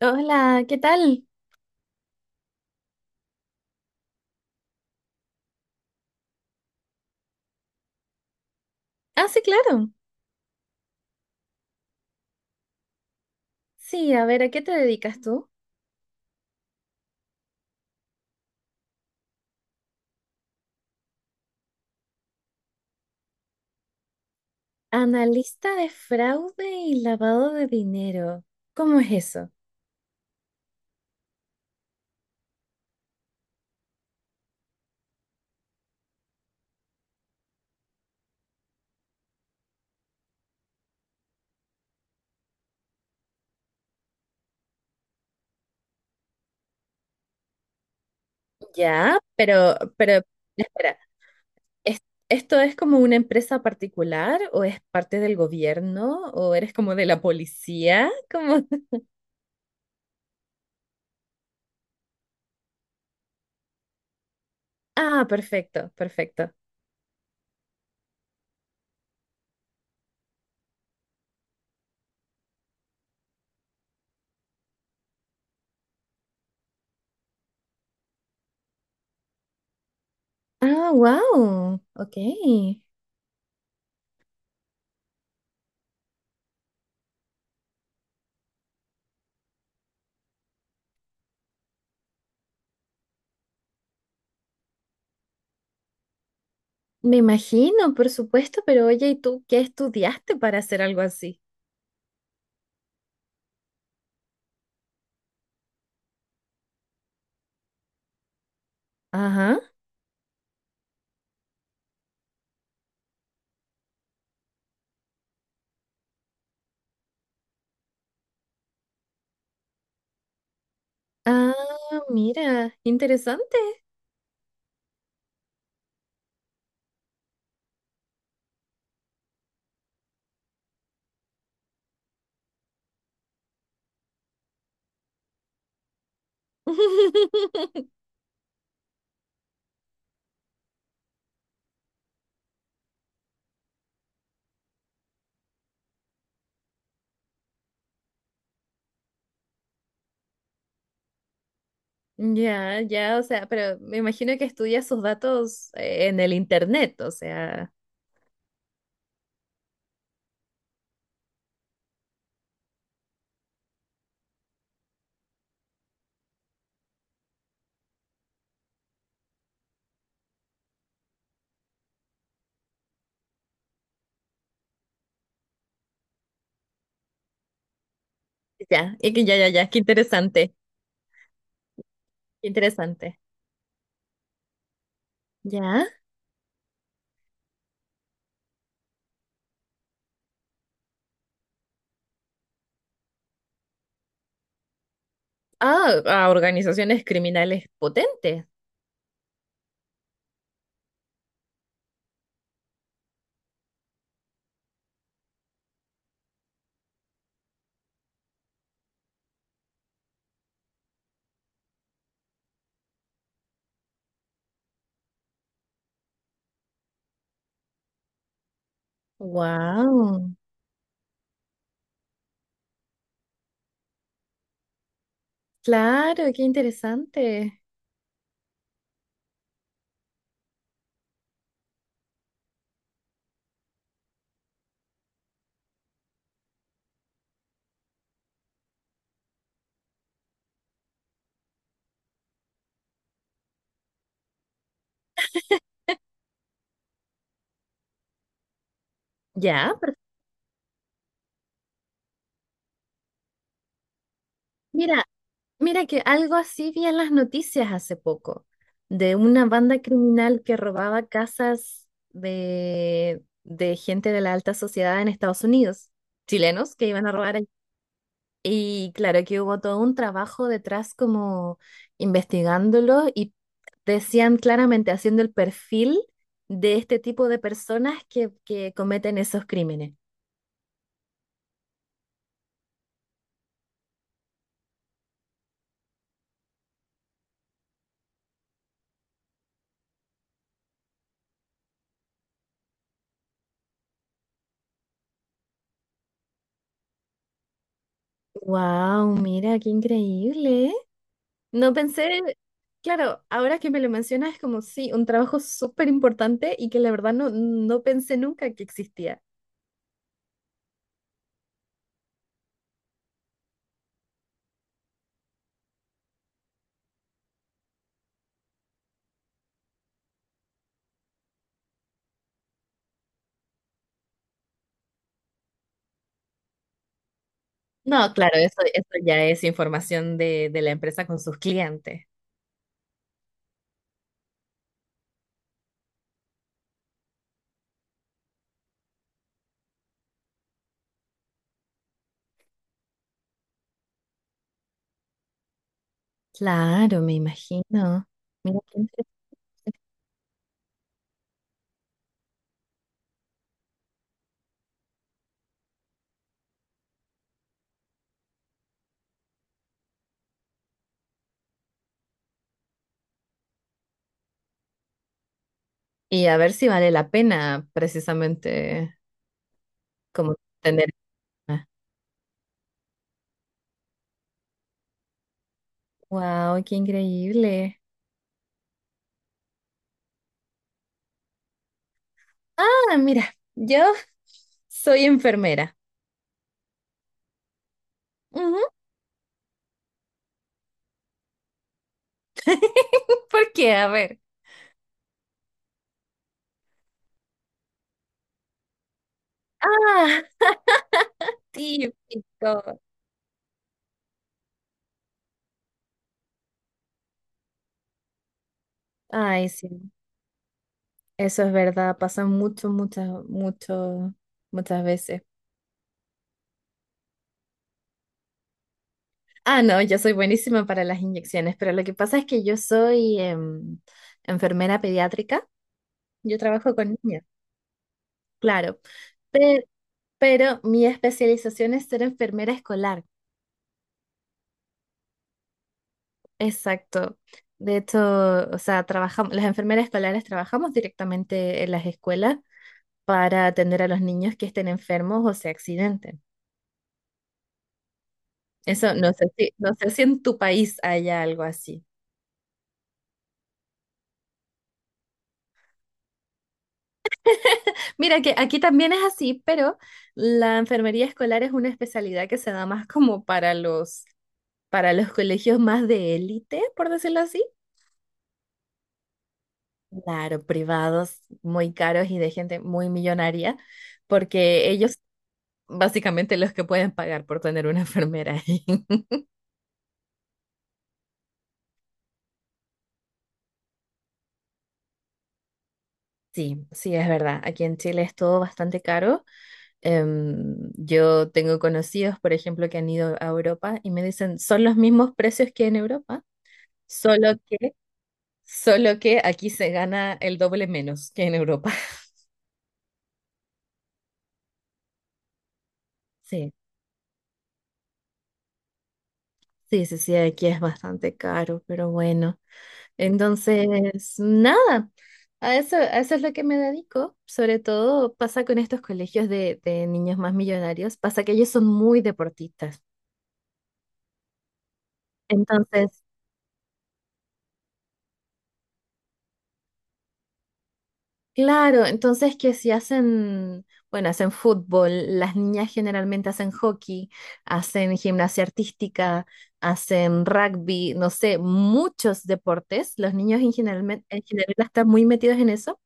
Hola, ¿qué tal? Ah, sí, claro. Sí, a ver, ¿a qué te dedicas tú? Analista de fraude y lavado de dinero. ¿Cómo es eso? Ya, pero, espera, ¿es- ¿esto es como una empresa particular o es parte del gobierno o eres como de la policía? ¿Cómo? Ah, perfecto, perfecto. Ah, wow, ok. Me imagino, por supuesto, pero oye, ¿y tú qué estudiaste para hacer algo así? Ajá. Ah, mira, interesante. Ya, ya, o sea, pero me imagino que estudia sus datos en el internet, o sea, ya, y que ya, ya, ya, qué interesante, qué interesante. ¿Ya? Ah, a organizaciones criminales potentes. Wow, claro, qué interesante. Ya, pero mira, Mira, que algo así vi en las noticias hace poco, de una banda criminal que robaba casas de gente de la alta sociedad en Estados Unidos, chilenos que iban a robar ahí. Y claro que hubo todo un trabajo detrás como investigándolo y decían claramente haciendo el perfil de este tipo de personas que cometen esos crímenes. Wow, mira qué increíble. No pensé, claro, ahora que me lo mencionas es como, sí, un trabajo súper importante y que la verdad no, no pensé nunca que existía. No, claro, eso ya es información de la empresa con sus clientes. Claro, me imagino. Mira qué interesante. Y a ver si vale la pena precisamente como tener. Wow, qué increíble. Ah, mira, yo soy enfermera. Ujú. ¿Por qué? A ver. Ah, típico. Ay, sí, eso es verdad, pasa mucho, muchas veces. Ah, no, yo soy buenísima para las inyecciones, pero lo que pasa es que yo soy enfermera pediátrica, yo trabajo con niños, claro, pe- pero mi especialización es ser enfermera escolar, exacto. De hecho, o sea, trabajamos, las enfermeras escolares trabajamos directamente en las escuelas para atender a los niños que estén enfermos o se accidenten. Eso no sé si, no sé si en tu país haya algo así. Mira que aquí también es así, pero la enfermería escolar es una especialidad que se da más como para los, colegios más de élite, por decirlo así. Claro, privados muy caros y de gente muy millonaria, porque ellos básicamente los que pueden pagar por tener una enfermera ahí. Sí, sí, es verdad. Aquí en Chile es todo bastante caro. Yo tengo conocidos, por ejemplo, que han ido a Europa y me dicen, son los mismos precios que en Europa, solo que, solo que, aquí se gana el doble menos que en Europa. Sí, sí, sí, sí, aquí es bastante caro, pero bueno. Entonces, nada, a eso es lo que me dedico. Sobre todo pasa con estos colegios de niños más millonarios, pasa que ellos son muy deportistas. Entonces, claro, entonces que si hacen, bueno, hacen fútbol, las niñas generalmente hacen hockey, hacen gimnasia artística, hacen rugby, no sé, muchos deportes. Los niños en general están muy metidos en eso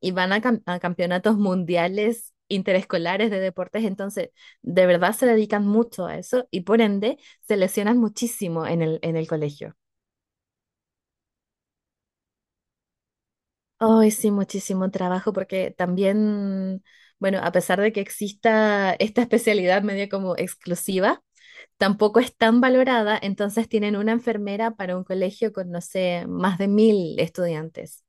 y van a, a campeonatos mundiales interescolares de deportes, entonces de verdad se dedican mucho a eso y por ende se lesionan muchísimo en el colegio. Ay, sí, muchísimo trabajo porque también, bueno, a pesar de que exista esta especialidad media como exclusiva, tampoco es tan valorada, entonces tienen una enfermera para un colegio con, no sé, más de 1.000 estudiantes.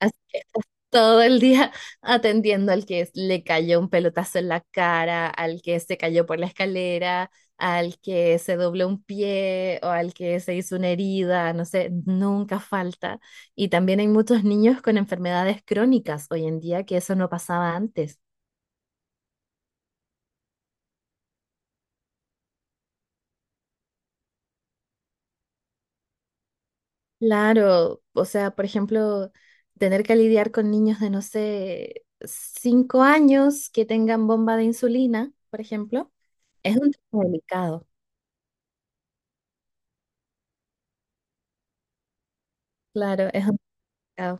Así que estás todo el día atendiendo al que le cayó un pelotazo en la cara, al que se cayó por la escalera, al que se dobló un pie o al que se hizo una herida, no sé, nunca falta. Y también hay muchos niños con enfermedades crónicas hoy en día que eso no pasaba antes. Claro, o sea, por ejemplo, tener que lidiar con niños de, no sé, 5 años que tengan bomba de insulina, por ejemplo, es un tema delicado. Claro, es. Ah,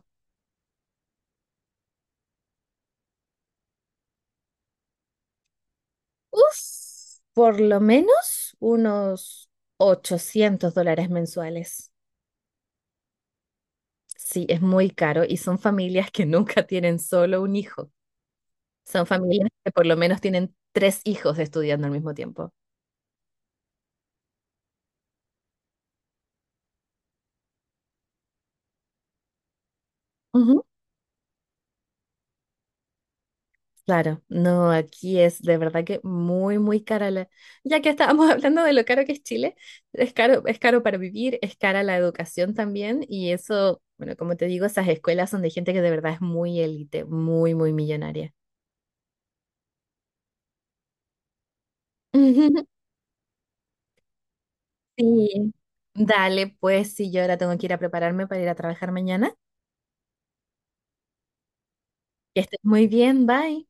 uf, por lo menos unos $800 mensuales. Sí, es muy caro y son familias que nunca tienen solo un hijo. Son familias que por lo menos tienen tres hijos estudiando al mismo tiempo. Ujú. Claro, no, aquí es de verdad que muy, muy cara la... Ya que estábamos hablando de lo caro que es Chile, es caro para vivir, es cara la educación también y eso, bueno, como te digo, esas escuelas son de gente que de verdad es muy élite, muy, muy millonaria. Sí. Dale, pues sí, yo ahora tengo que ir a prepararme para ir a trabajar mañana. Que estés muy bien, bye.